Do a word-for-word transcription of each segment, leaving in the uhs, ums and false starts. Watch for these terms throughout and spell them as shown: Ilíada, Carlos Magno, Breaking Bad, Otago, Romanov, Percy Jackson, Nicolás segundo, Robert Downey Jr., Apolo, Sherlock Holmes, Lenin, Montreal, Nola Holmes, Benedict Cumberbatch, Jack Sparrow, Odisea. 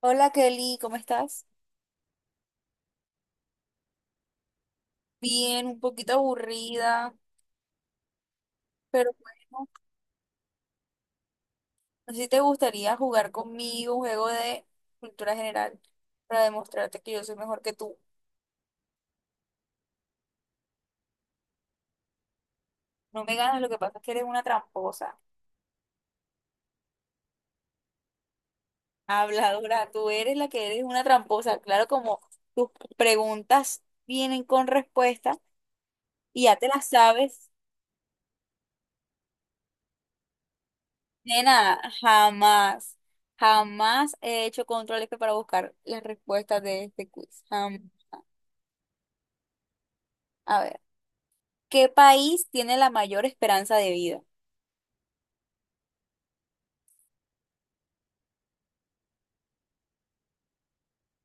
Hola Kelly, ¿cómo estás? Bien, un poquito aburrida, pero bueno, no sé si te gustaría jugar conmigo un juego de cultura general para demostrarte que yo soy mejor que tú. No me ganas, lo que pasa es que eres una tramposa, habladora, tú eres la que eres una tramposa. Claro, como tus preguntas vienen con respuesta y ya te las sabes. Nena, jamás, jamás he hecho controles que para buscar las respuestas de este quiz. Jamás. A ver. ¿Qué país tiene la mayor esperanza de vida?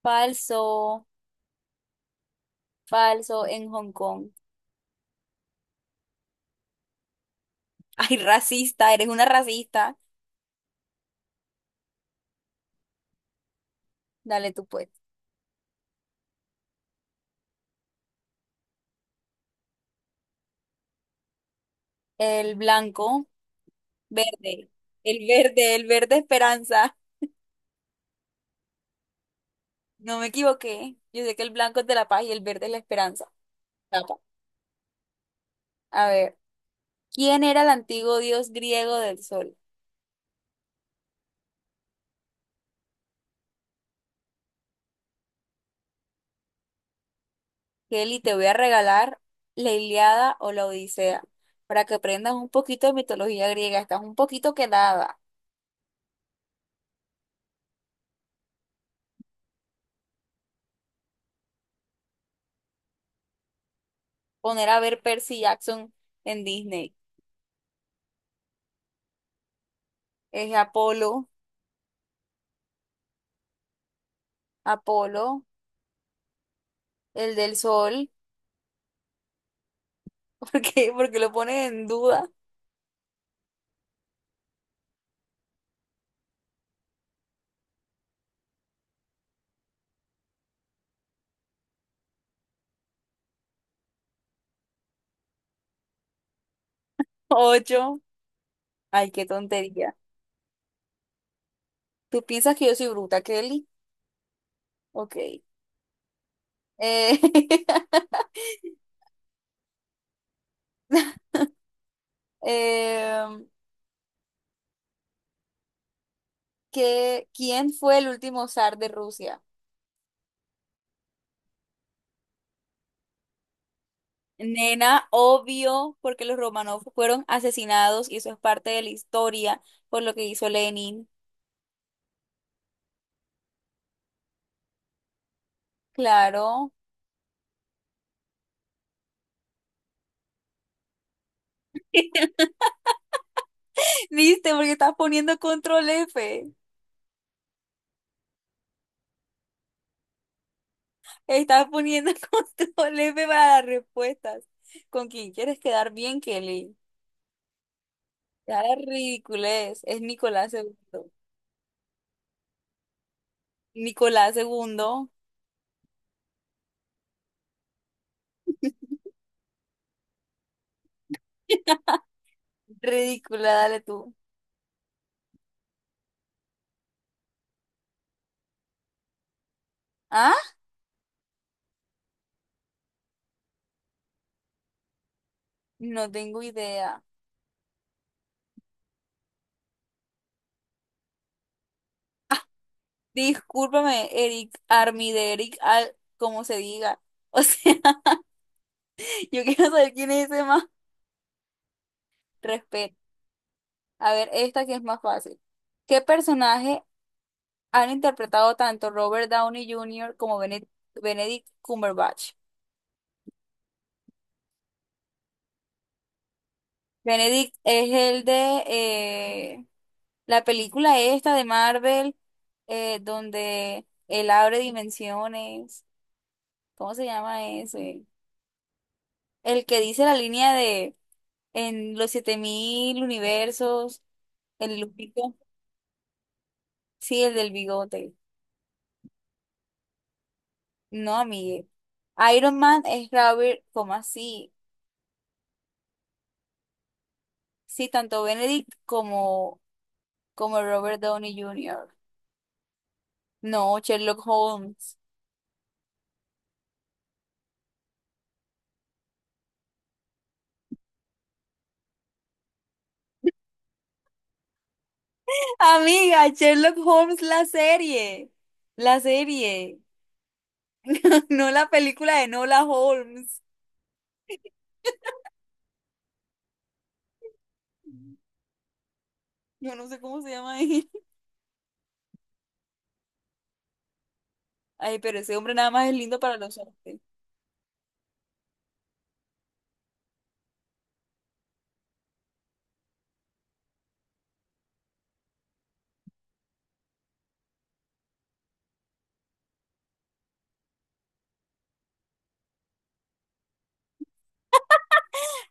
Falso, falso en Hong Kong. Ay, racista, eres una racista. Dale tú pues. El blanco, verde. El verde, el verde esperanza. No me equivoqué. Yo sé que el blanco es de la paz y el verde es la esperanza. Tapa. A ver, ¿quién era el antiguo dios griego del sol? Kelly, te voy a regalar la Ilíada o la Odisea para que aprendas un poquito de mitología griega. Estás un poquito quedada. Poner a ver Percy Jackson en Disney. Es Apolo, Apolo, el del sol. ¿Por qué? Porque lo pones en duda. Ocho. Ay, qué tontería. ¿Tú piensas que yo soy bruta, Kelly? Ok. Eh, em, ¿qué- ¿quién fue el último zar de Rusia? Nena, obvio, porque los Romanov fueron asesinados y eso es parte de la historia por lo que hizo Lenin. Claro. ¿Viste? Porque estás poniendo control F. Estás poniendo control F para las respuestas. ¿Con quién quieres quedar bien, Kelly? Ya la ridiculez. Es Nicolás segundo, Nicolás segundo. Ridícula, dale tú. ¿Ah? No tengo idea. Discúlpame, Eric Armide, Eric Al, como se diga. O sea, yo quiero saber quién es ese más. Respeto. A ver, esta que es más fácil. ¿Qué personaje han interpretado tanto Robert Downey junior como Bene- Benedict Cumberbatch? Benedict es el de eh, la película esta de Marvel, eh, donde él abre dimensiones. ¿Cómo se llama ese? El que dice la línea de en los siete mil universos, el lupito. Sí, el del bigote. No, amigue. ¿Iron Man es Robert, como así? Sí, tanto Benedict como, como Robert Downey junior No, Sherlock Holmes. Amiga, Sherlock Holmes, la serie. La serie. No, la película de Nola Holmes. Yo no sé cómo se llama ahí. Ay, pero ese hombre nada más es lindo para los hombres.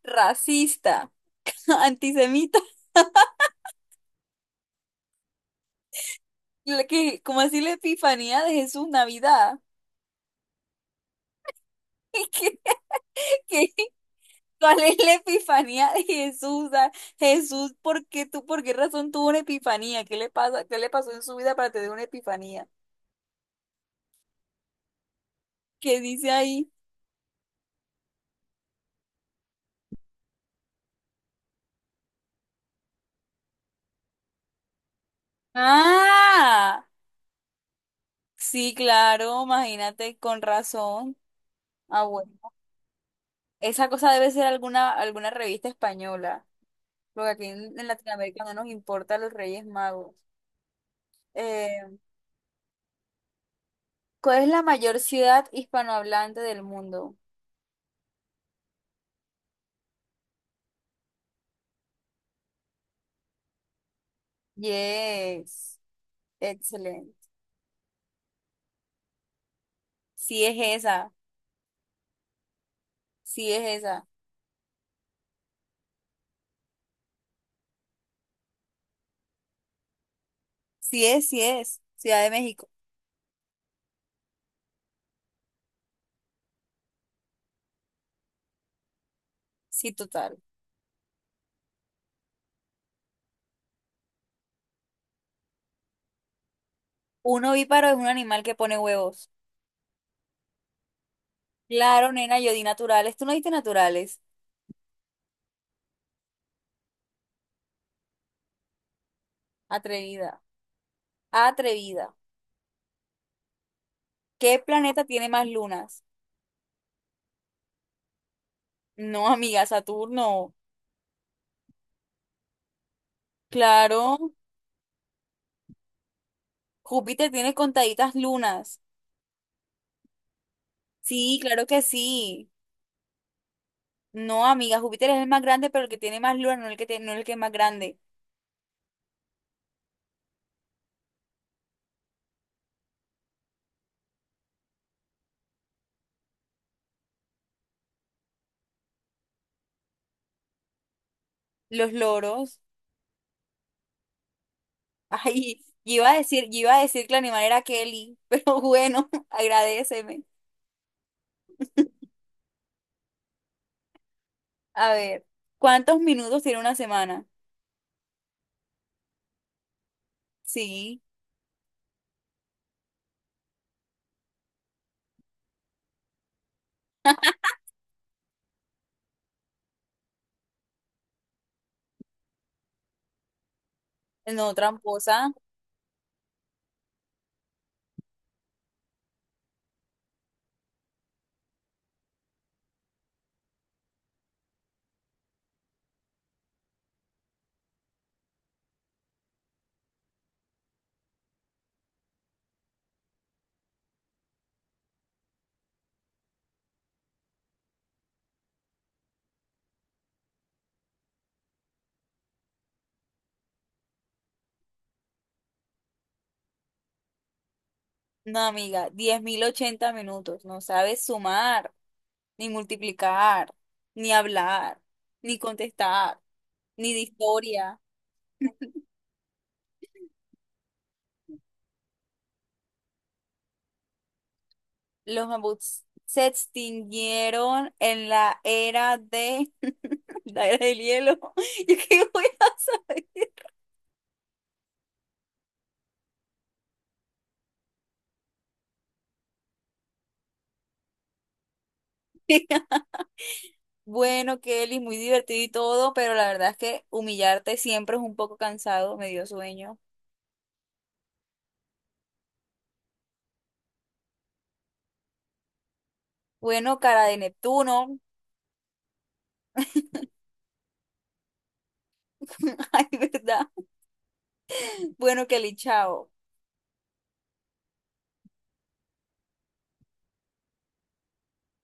Racista, antisemita. La que- ¿Cómo así la epifanía de Jesús Navidad? ¿Qué, qué? ¿Cuál es la epifanía de Jesús? Ah, Jesús, ¿por qué tú, por qué razón tuvo una epifanía? ¿Qué le pasa? ¿Qué le pasó en su vida para tener una epifanía? ¿Qué dice ahí? Ah, sí, claro, imagínate, con razón. Ah, bueno. Esa cosa debe ser alguna, alguna revista española, porque aquí en, en Latinoamérica no nos importa los Reyes Magos. Eh, ¿cuál es la mayor ciudad hispanohablante del mundo? Yes, excelente. Sí es esa, sí es esa. Sí es, sí es. Ciudad de México. Sí, total. Un ovíparo es un animal que pone huevos. Claro, nena, yo di naturales. ¿Tú no diste naturales? Atrevida, atrevida. ¿Qué planeta tiene más lunas? No, amiga, Saturno. Claro, Júpiter tiene contaditas lunas. Sí, claro que sí. No, amiga, Júpiter es el más grande, pero el que tiene más lunas, no el que tiene, no el que es más grande. Los loros. Ay, yo iba a decir, yo iba a decir que el animal era Kelly, pero bueno, agradéceme. A ver, ¿cuántos minutos tiene una semana? Sí, no, tramposa. No, amiga, diez mil ochenta minutos. No sabes sumar, ni multiplicar, ni hablar, ni contestar, ni de historia. Los mamuts se extinguieron en la era de la era del hielo. ¿Yo qué voy a saber? Bueno, Kelly, muy divertido y todo, pero la verdad es que humillarte siempre es un poco cansado, me dio sueño. Bueno, cara de Neptuno. Ay, ¿verdad? Bueno, Kelly, chao.